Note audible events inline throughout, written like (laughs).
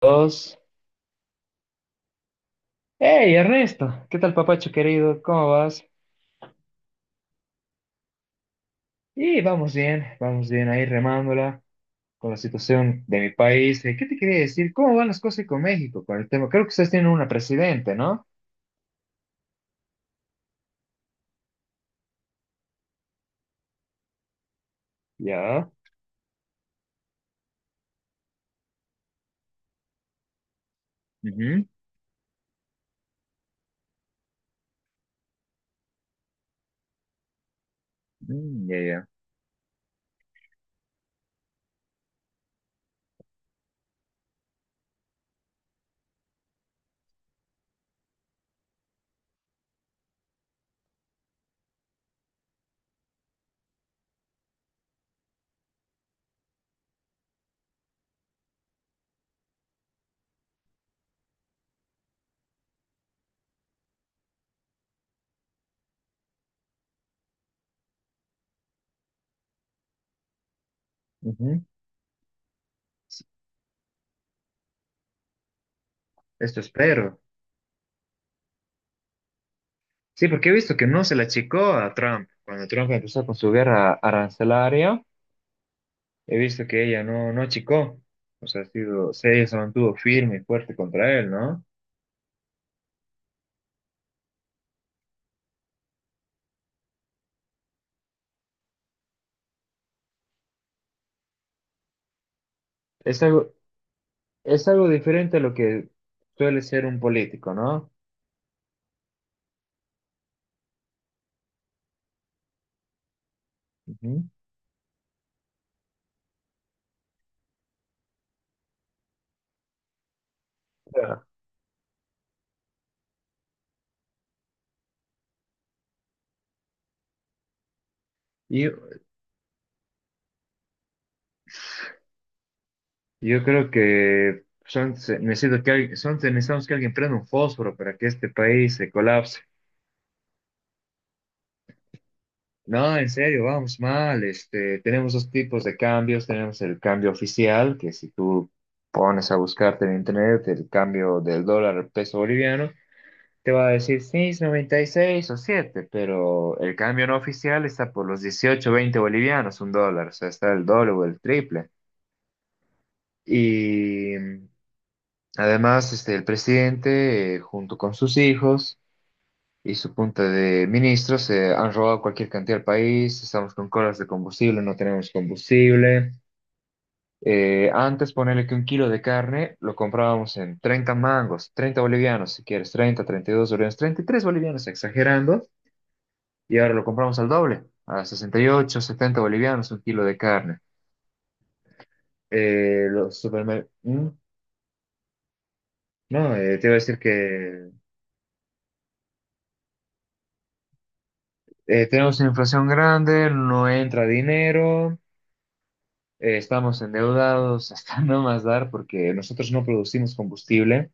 Dos. Hey, Ernesto, ¿qué tal, papacho querido? ¿Cómo vas? Y vamos bien ahí remándola con la situación de mi país. ¿Qué te quería decir? ¿Cómo van las cosas ahí con México con el tema? Creo que ustedes tienen una presidente, ¿no? Ya. Ujú. Mm, ya, ya. Ujú. Esto espero. Sí, porque he visto que no se la achicó a Trump. Cuando Trump empezó con su guerra arancelaria, he visto que ella no, no achicó. O sea, ha sido, ella se mantuvo firme y fuerte contra él, ¿no? Es algo. Es algo diferente a lo que suele ser un político, ¿no? Ujú. Claro. Y yo creo que son, se- necesito que alguien, son, necesitamos que alguien prenda un fósforo para que este país se colapse. No, en serio, vamos mal. Tenemos dos tipos de cambios. Tenemos el cambio oficial, que si tú pones a buscarte en internet el cambio del dólar al peso boliviano, te va a decir, sí, es 96 o 7 pero el cambio no oficial está por los 18, 20 bolivianos, un dólar, o sea, está el doble o el triple. Y además, el presidente, junto con sus hijos y su punta de ministros, han robado cualquier cantidad al país, estamos con colas de combustible, no tenemos combustible. Antes ponerle que un kilo de carne lo comprábamos en 30 mangos, 30 bolivianos, si quieres, 30, 32 bolivianos, 33 bolivianos, exagerando. Y ahora lo compramos al doble, a 68, 70 bolivianos un kilo de carne. Los supermercados. No, te iba a decir que tenemos una inflación grande, no entra dinero, estamos endeudados hasta (laughs) no más dar porque nosotros no producimos combustible.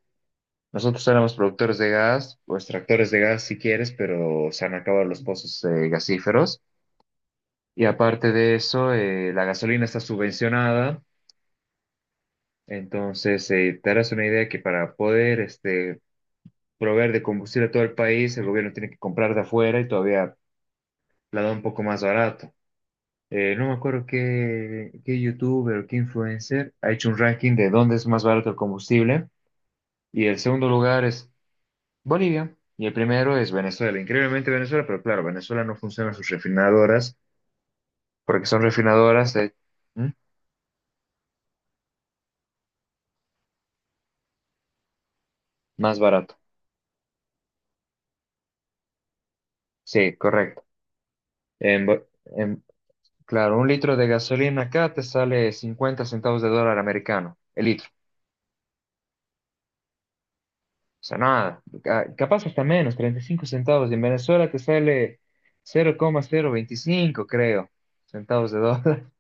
Nosotros éramos productores de gas, o extractores de gas si quieres, pero se han acabado los pozos gasíferos. Y aparte de eso, la gasolina está subvencionada. Entonces, te harás una idea que para poder proveer de combustible a todo el país, el gobierno tiene que comprar de afuera y todavía la da un poco más barato. No me acuerdo qué youtuber o qué influencer ha hecho un ranking de dónde es más barato el combustible. Y el segundo lugar es Bolivia y el primero es Venezuela. Increíblemente Venezuela, pero claro, Venezuela no funciona sus refinadoras porque son refinadoras de- ¿Mm? Más barato. Sí, correcto. Claro, un litro de gasolina acá te sale 50 centavos de dólar americano, el litro. O sea, nada, capaz hasta menos, 35 centavos. Y en Venezuela te sale cero cero coma cero veinticinco, creo, centavos de dólar.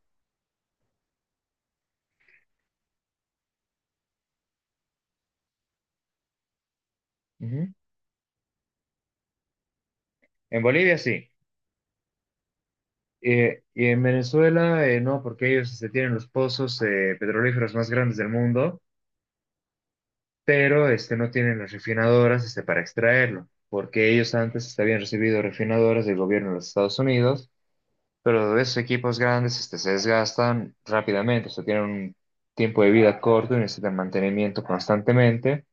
(laughs) Ujú. En Bolivia sí. Y en Venezuela no, porque ellos tienen los pozos petrolíferos más grandes del mundo, pero no tienen las refinadoras para extraerlo, porque ellos antes habían recibido refinadoras del gobierno de los Estados Unidos. Pero esos equipos grandes se desgastan rápidamente, o sea, tienen un tiempo de vida corto y necesitan mantenimiento constantemente.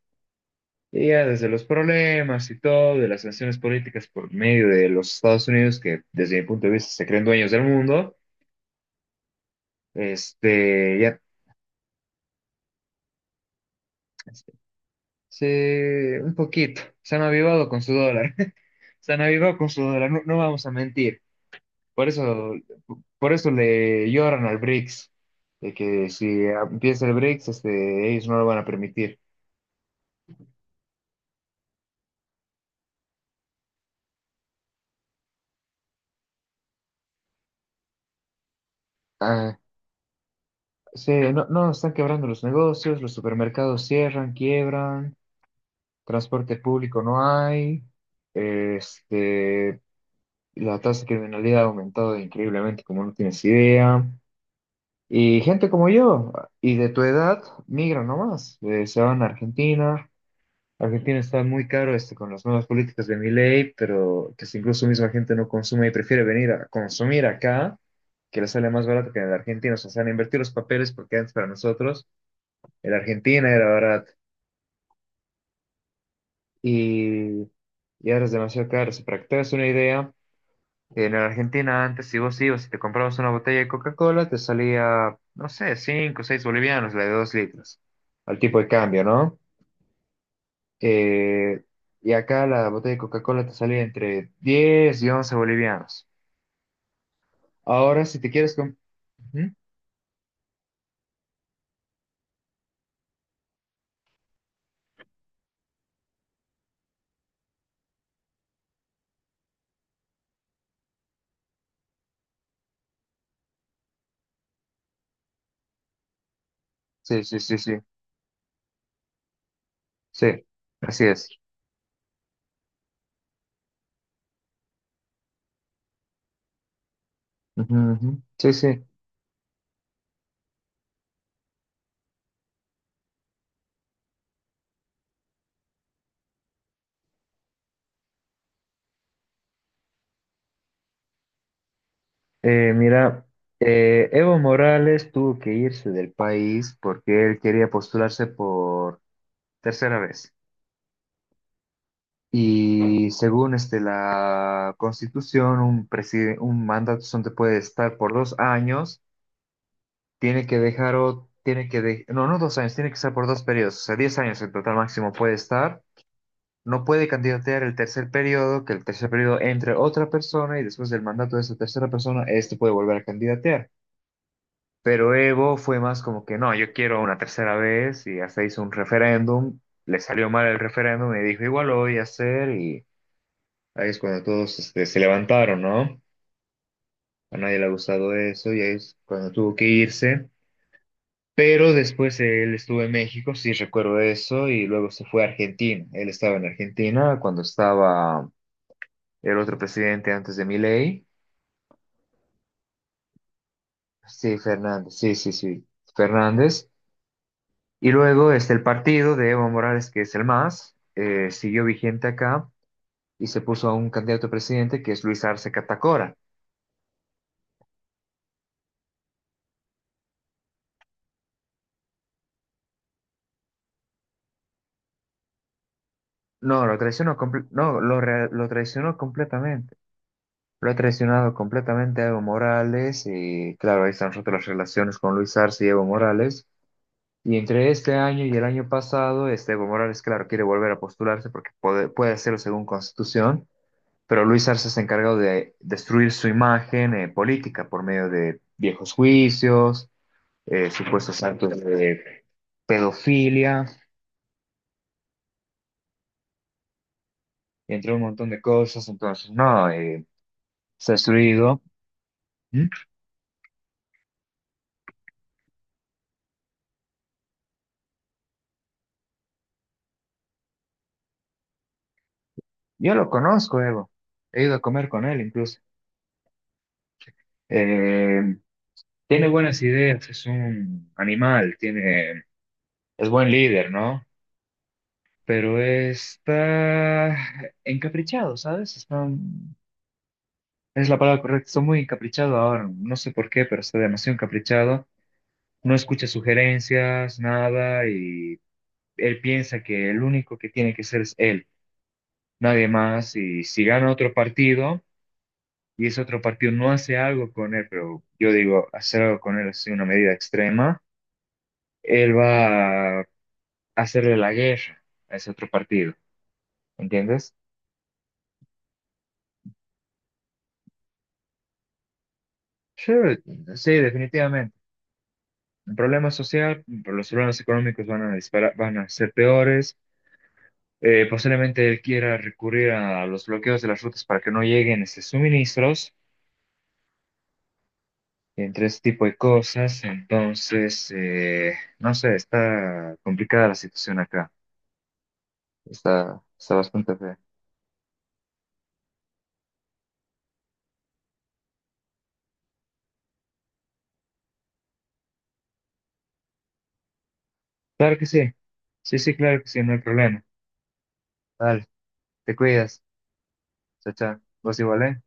Y ya desde los problemas y todo, de las sanciones políticas por medio de los Estados Unidos, que desde mi punto de vista se creen dueños del mundo, este, ya este, un poquito, se han avivado con su dólar, (laughs) se han avivado con su dólar, no, no vamos a mentir. Por eso, por eso le lloran al BRICS, de que si empieza el BRICS, ellos no lo van a permitir. Ah, sí, no, no, están quebrando los negocios, los supermercados cierran, quiebran, transporte público no hay, este, la tasa de criminalidad ha aumentado increíblemente, como no tienes idea. Y gente como yo, y de tu edad, migran nomás, se van a Argentina. Argentina está muy caro con las nuevas políticas de Milei, pero que si incluso misma gente no consume y prefiere venir a consumir acá, que le sale más barato que en la Argentina, o sea, se han invertido los papeles porque antes para nosotros, era Argentina, era barato. Y, y ahora es demasiado caro. Si para que te hagas una idea, en la Argentina antes, si vos ibas y te comprabas una botella de Coca-Cola, te salía, no sé, 5 o 6 bolivianos, la de 2 litros, al tipo de cambio, ¿no? Eh, y acá la botella de Coca-Cola te salía entre 10 y 11 bolivianos. Ahora, si te quieres. Ujú. Sí, sí, sí, sí, sí, así es. Ujú, ujú. Sí, sí. Mira, Evo Morales tuvo que irse del país porque él quería postularse por tercera vez. Y según la Constitución, un mandato solo te puede estar por 2 años, tiene que dejar o tiene que no, no 2 años, tiene que estar por 2 periodos, o sea, 10 años en total máximo puede estar. No puede candidatear el tercer periodo, que el tercer periodo entre otra persona y después del mandato de esa tercera persona, este puede volver a candidatear. Pero Evo fue más como que no, yo quiero una tercera vez y hasta hizo un referéndum, le salió mal el referéndum y dijo igual lo voy a hacer y ahí es cuando todos se levantaron, ¿no? A nadie le ha gustado eso y ahí es cuando tuvo que irse. Pero después él estuvo en México, sí recuerdo eso, y luego se fue a Argentina. Él estaba en Argentina cuando estaba el otro presidente antes de Milei. Sí, Fernández, sí, sí, sí, Fernández. Y luego el partido de Evo Morales, que es el MAS, siguió vigente acá y se puso a un candidato a presidente que es Luis Arce Catacora. No, lo traicionó, no, lo traicionó completamente. Lo ha traicionado completamente a Evo Morales y claro, ahí están rotas las relaciones con Luis Arce y Evo Morales. Y entre este año y el año pasado, este Evo Morales, claro, quiere volver a postularse porque puede hacerlo según Constitución. Pero Luis Arce se ha encargado de destruir su imagen política por medio de viejos juicios, supuestos actos de pedofilia, entre un montón de cosas. Entonces, no, se ha destruido. ¿Mm? Yo lo conozco, Evo. He ido a comer con él incluso. Eh, Tiene buenas ideas, es un animal, tiene, es buen líder, ¿no? Pero está encaprichado, ¿sabes? Está Es la palabra correcta. Soy muy encaprichado ahora. No sé por qué, pero está demasiado encaprichado. No escucha sugerencias, nada, y él piensa que el único que tiene que ser es él, nadie más. Y si gana otro partido y ese otro partido no hace algo con él, pero yo digo, hacer algo con él es una medida extrema, él va a hacerle la guerra a ese otro partido. ¿Entiendes? Sí, sí, definitivamente. El problema social, los problemas económicos van a disparar, van a ser peores. Posiblemente él quiera recurrir a los bloqueos de las rutas para que no lleguen suministros, entre este tipo de cosas. Entonces, no sé, está complicada la situación acá. Está bastante fea. Claro que sí. Sí, sí, claro que sí, no hay problema. Vale, te cuidas. Chao, chao. Vos igual, ¿eh?